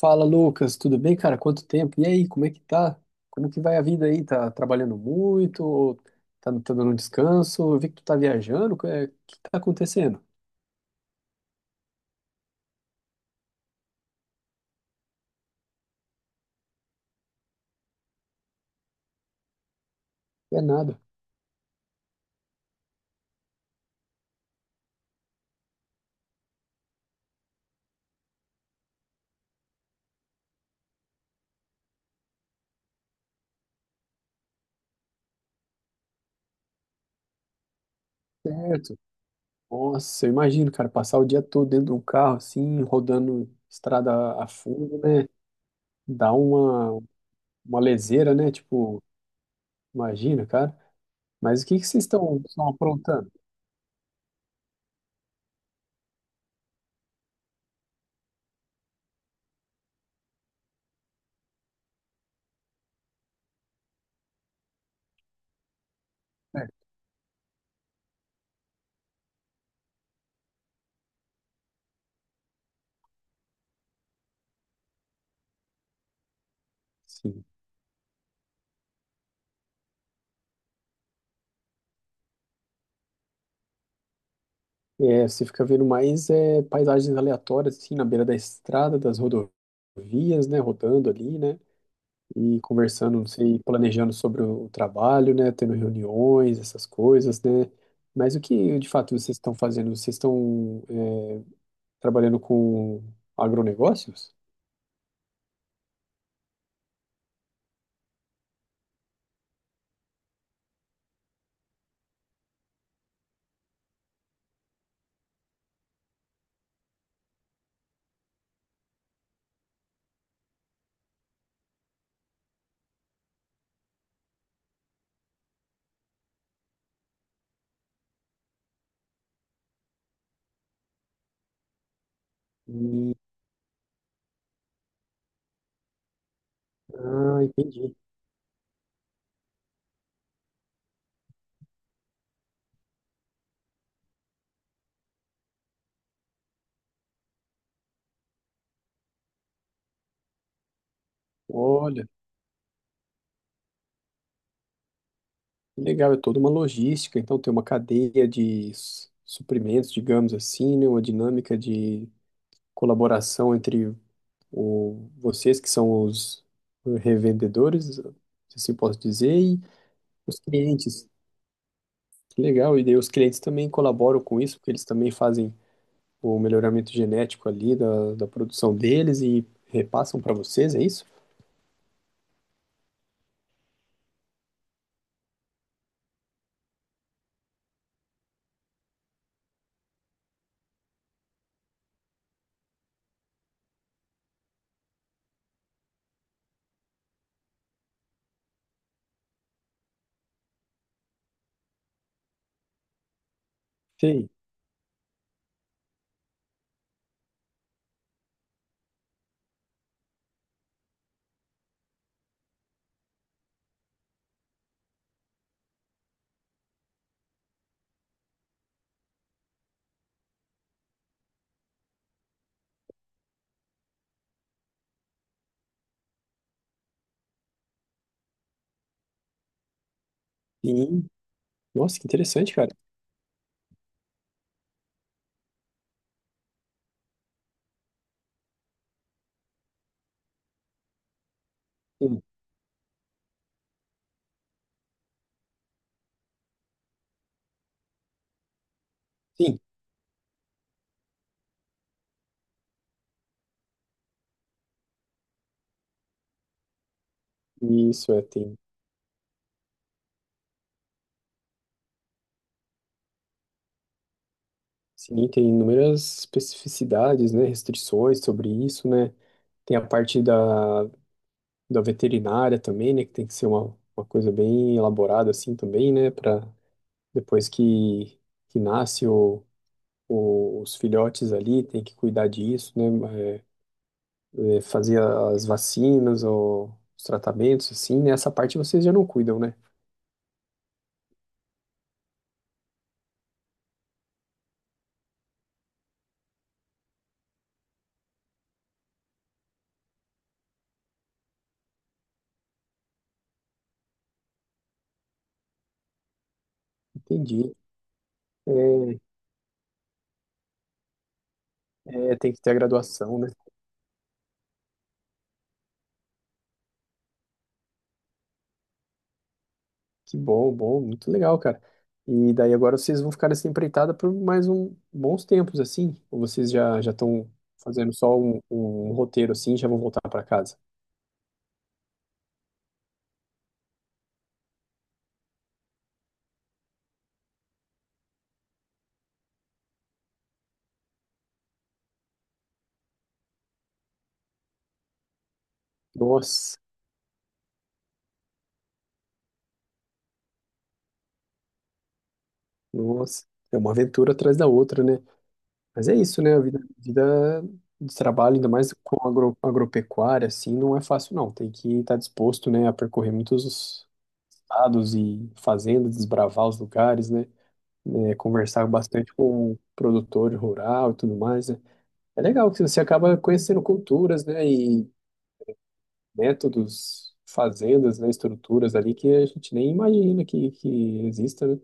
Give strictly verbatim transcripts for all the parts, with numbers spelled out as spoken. Fala, Lucas, tudo bem, cara? Quanto tempo? E aí, como é que tá? Como que vai a vida aí? Tá trabalhando muito? Ou tá, tá dando um descanso? Eu vi que tu tá viajando. O é, que tá acontecendo? É nada. Certo. Nossa, eu imagino, cara, passar o dia todo dentro de um carro, assim, rodando estrada a fundo, né? Dá uma, uma leseira, né? Tipo, imagina, cara. Mas o que que vocês estão estão aprontando? É, sim. É, você fica vendo mais é, paisagens aleatórias, assim, na beira da estrada, das rodovias, né, rodando ali, né, e conversando, não sei, planejando sobre o trabalho, né, tendo reuniões, essas coisas, né. Mas o que, de fato, vocês estão fazendo? Vocês estão é, trabalhando com agronegócios? Hum, ah, entendi. Olha, que legal, é toda uma logística, então tem uma cadeia de s- suprimentos, digamos assim, né, uma dinâmica de colaboração entre o, vocês que são os revendedores, se assim posso dizer, e os clientes. Que legal, e daí os clientes também colaboram com isso, porque eles também fazem o melhoramento genético ali da, da produção deles e repassam para vocês, é isso? Sim. Sim. Nossa, que interessante, cara. Sim, sim. Isso é, tem, sim, tem inúmeras especificidades, né, restrições sobre isso, né? Tem a parte da da veterinária também, né? Que tem que ser uma, uma coisa bem elaborada assim também, né? Para depois que, que nasce o, o- os filhotes ali, tem que cuidar disso, né? é, é, fazer as vacinas ou os tratamentos assim, né? Essa parte vocês já não cuidam, né? Entendi. É, é, tem que ter a graduação, né? Que bom, bom, muito legal, cara. E daí agora vocês vão ficar nessa empreitada por mais um bons tempos, assim? Ou vocês já já estão fazendo só um, um roteiro assim, e já vão voltar para casa? Nossa, nossa, é uma aventura atrás da outra, né? Mas é isso, né? A vida, vida de trabalho, ainda mais com agro, agropecuária, assim, não é fácil, não. Tem que estar disposto, né, a percorrer muitos estados e fazendas, desbravar os lugares, né? Né, conversar bastante com o produtor rural e tudo mais, né? É legal que você acaba conhecendo culturas, né, e métodos, fazendas, né, estruturas ali que a gente nem imagina que, que exista, né?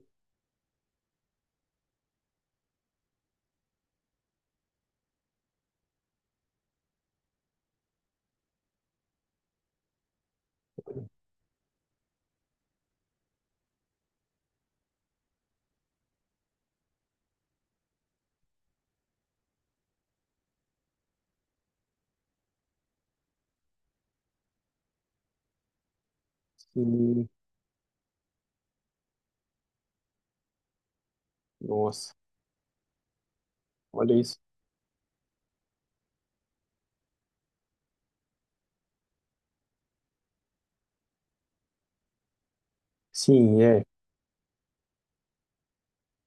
Sim, nossa, olha isso. Sim, é,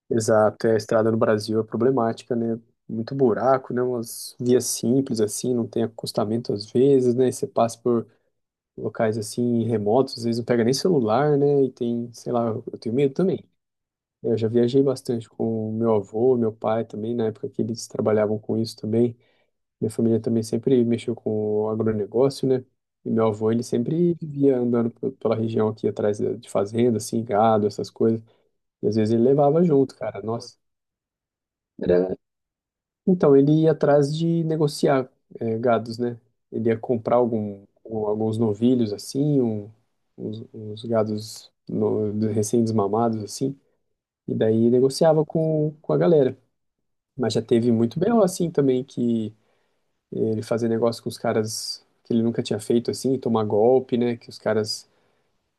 exato. É, a estrada no Brasil é problemática, né? Muito buraco, né? Umas vias simples assim, não tem acostamento às vezes, né? E você passa por locais assim remotos, às vezes não pega nem celular, né? E tem, sei lá, eu tenho medo também. Eu já viajei bastante com meu avô, meu pai também, na época que eles trabalhavam com isso também. Minha família também sempre mexeu com o agronegócio, né? E meu avô, ele sempre vivia andando pe- pela região aqui atrás da- de fazenda, assim, gado, essas coisas. E às vezes ele levava junto, cara. Nossa. Era... Então, ele ia atrás de negociar eh, gados, né? Ele ia comprar algum, um- alguns novilhos, assim, um- uns, uns gados no- recém-desmamados, assim. E daí negociava com, com a galera. Mas já teve muito B O assim também, que ele fazer negócio com os caras que ele nunca tinha feito assim, tomar golpe, né? Que os caras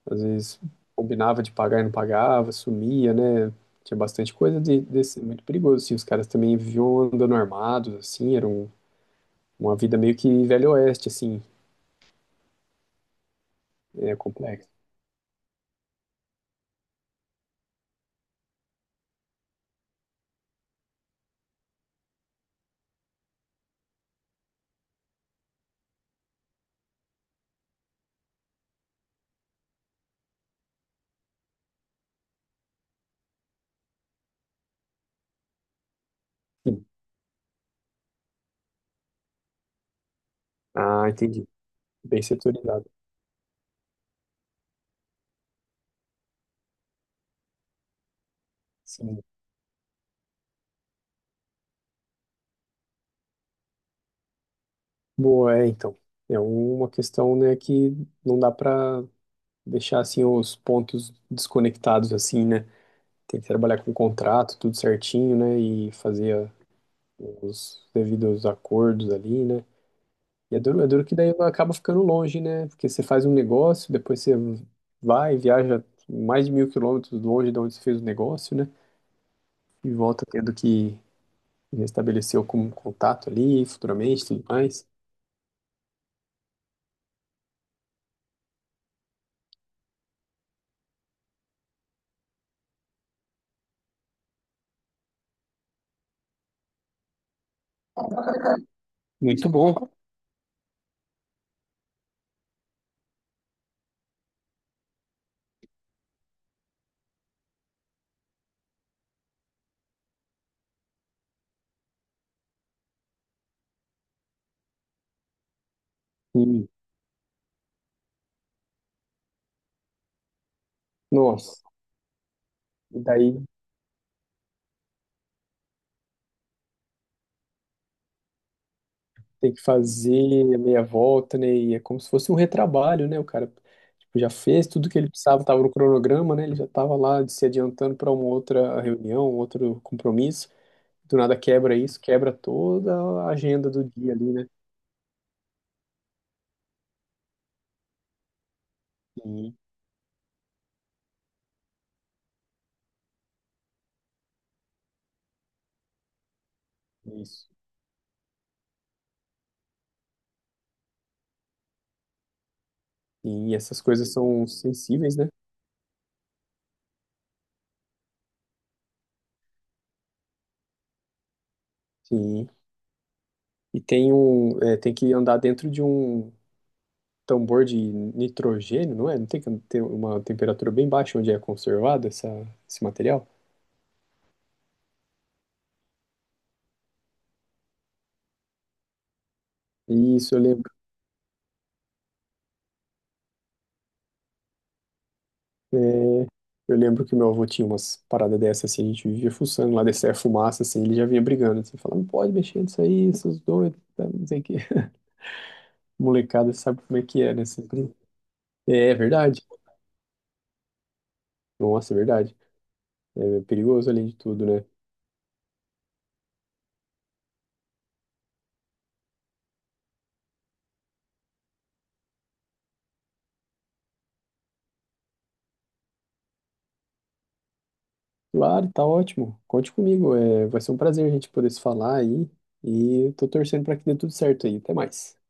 às vezes combinava de pagar e não pagava, sumia, né? Tinha bastante coisa de, desse, muito perigoso, assim. Os caras também viviam andando armados, assim, era um- uma vida meio que velho oeste, assim, é complexo. Sim. Ah, entendi. Bem setorizado. Sim. Boa, é, então. É uma questão, né, que não dá para deixar assim os pontos desconectados assim, né? Tem que trabalhar com contrato, tudo certinho, né? E fazer a- os devidos acordos ali, né? E é duro, é duro que daí acaba ficando longe, né? Porque você faz um negócio, depois você vai, viaja mais de mil quilômetros longe de onde você fez o negócio, né? E volta tendo que restabelecer algum contato ali, futuramente, tudo mais. Muito bom. E, Nossa, e daí tem que fazer a meia volta, né? E é como se fosse um retrabalho, né? O cara, tipo, já fez tudo que ele precisava, estava no cronograma, né? Ele já estava lá se adiantando para uma outra reunião, um outro compromisso. Do nada quebra isso, quebra toda a agenda do dia ali, né? Sim, isso. Sim, essas coisas são sensíveis, né? Sim. E tem um, é, tem que andar dentro de um tambor de nitrogênio, não é? Não tem que ter uma temperatura bem baixa onde é conservado essa, esse material? Isso, eu lembro. É, eu lembro que meu avô tinha umas paradas dessas, assim, a gente vivia fuçando lá, descia a fumaça, assim, ele já vinha brigando, assim, falando, não pode mexer nisso aí, seus doidos, tá, não sei o quê. Molecada sabe como é que é, né? Sempre... É, é verdade. Nossa, é verdade. É é perigoso além de tudo, né? Claro, tá ótimo. Conte comigo, é, vai ser um prazer a gente poder se falar aí, e eu tô torcendo pra que dê tudo certo aí. Até mais.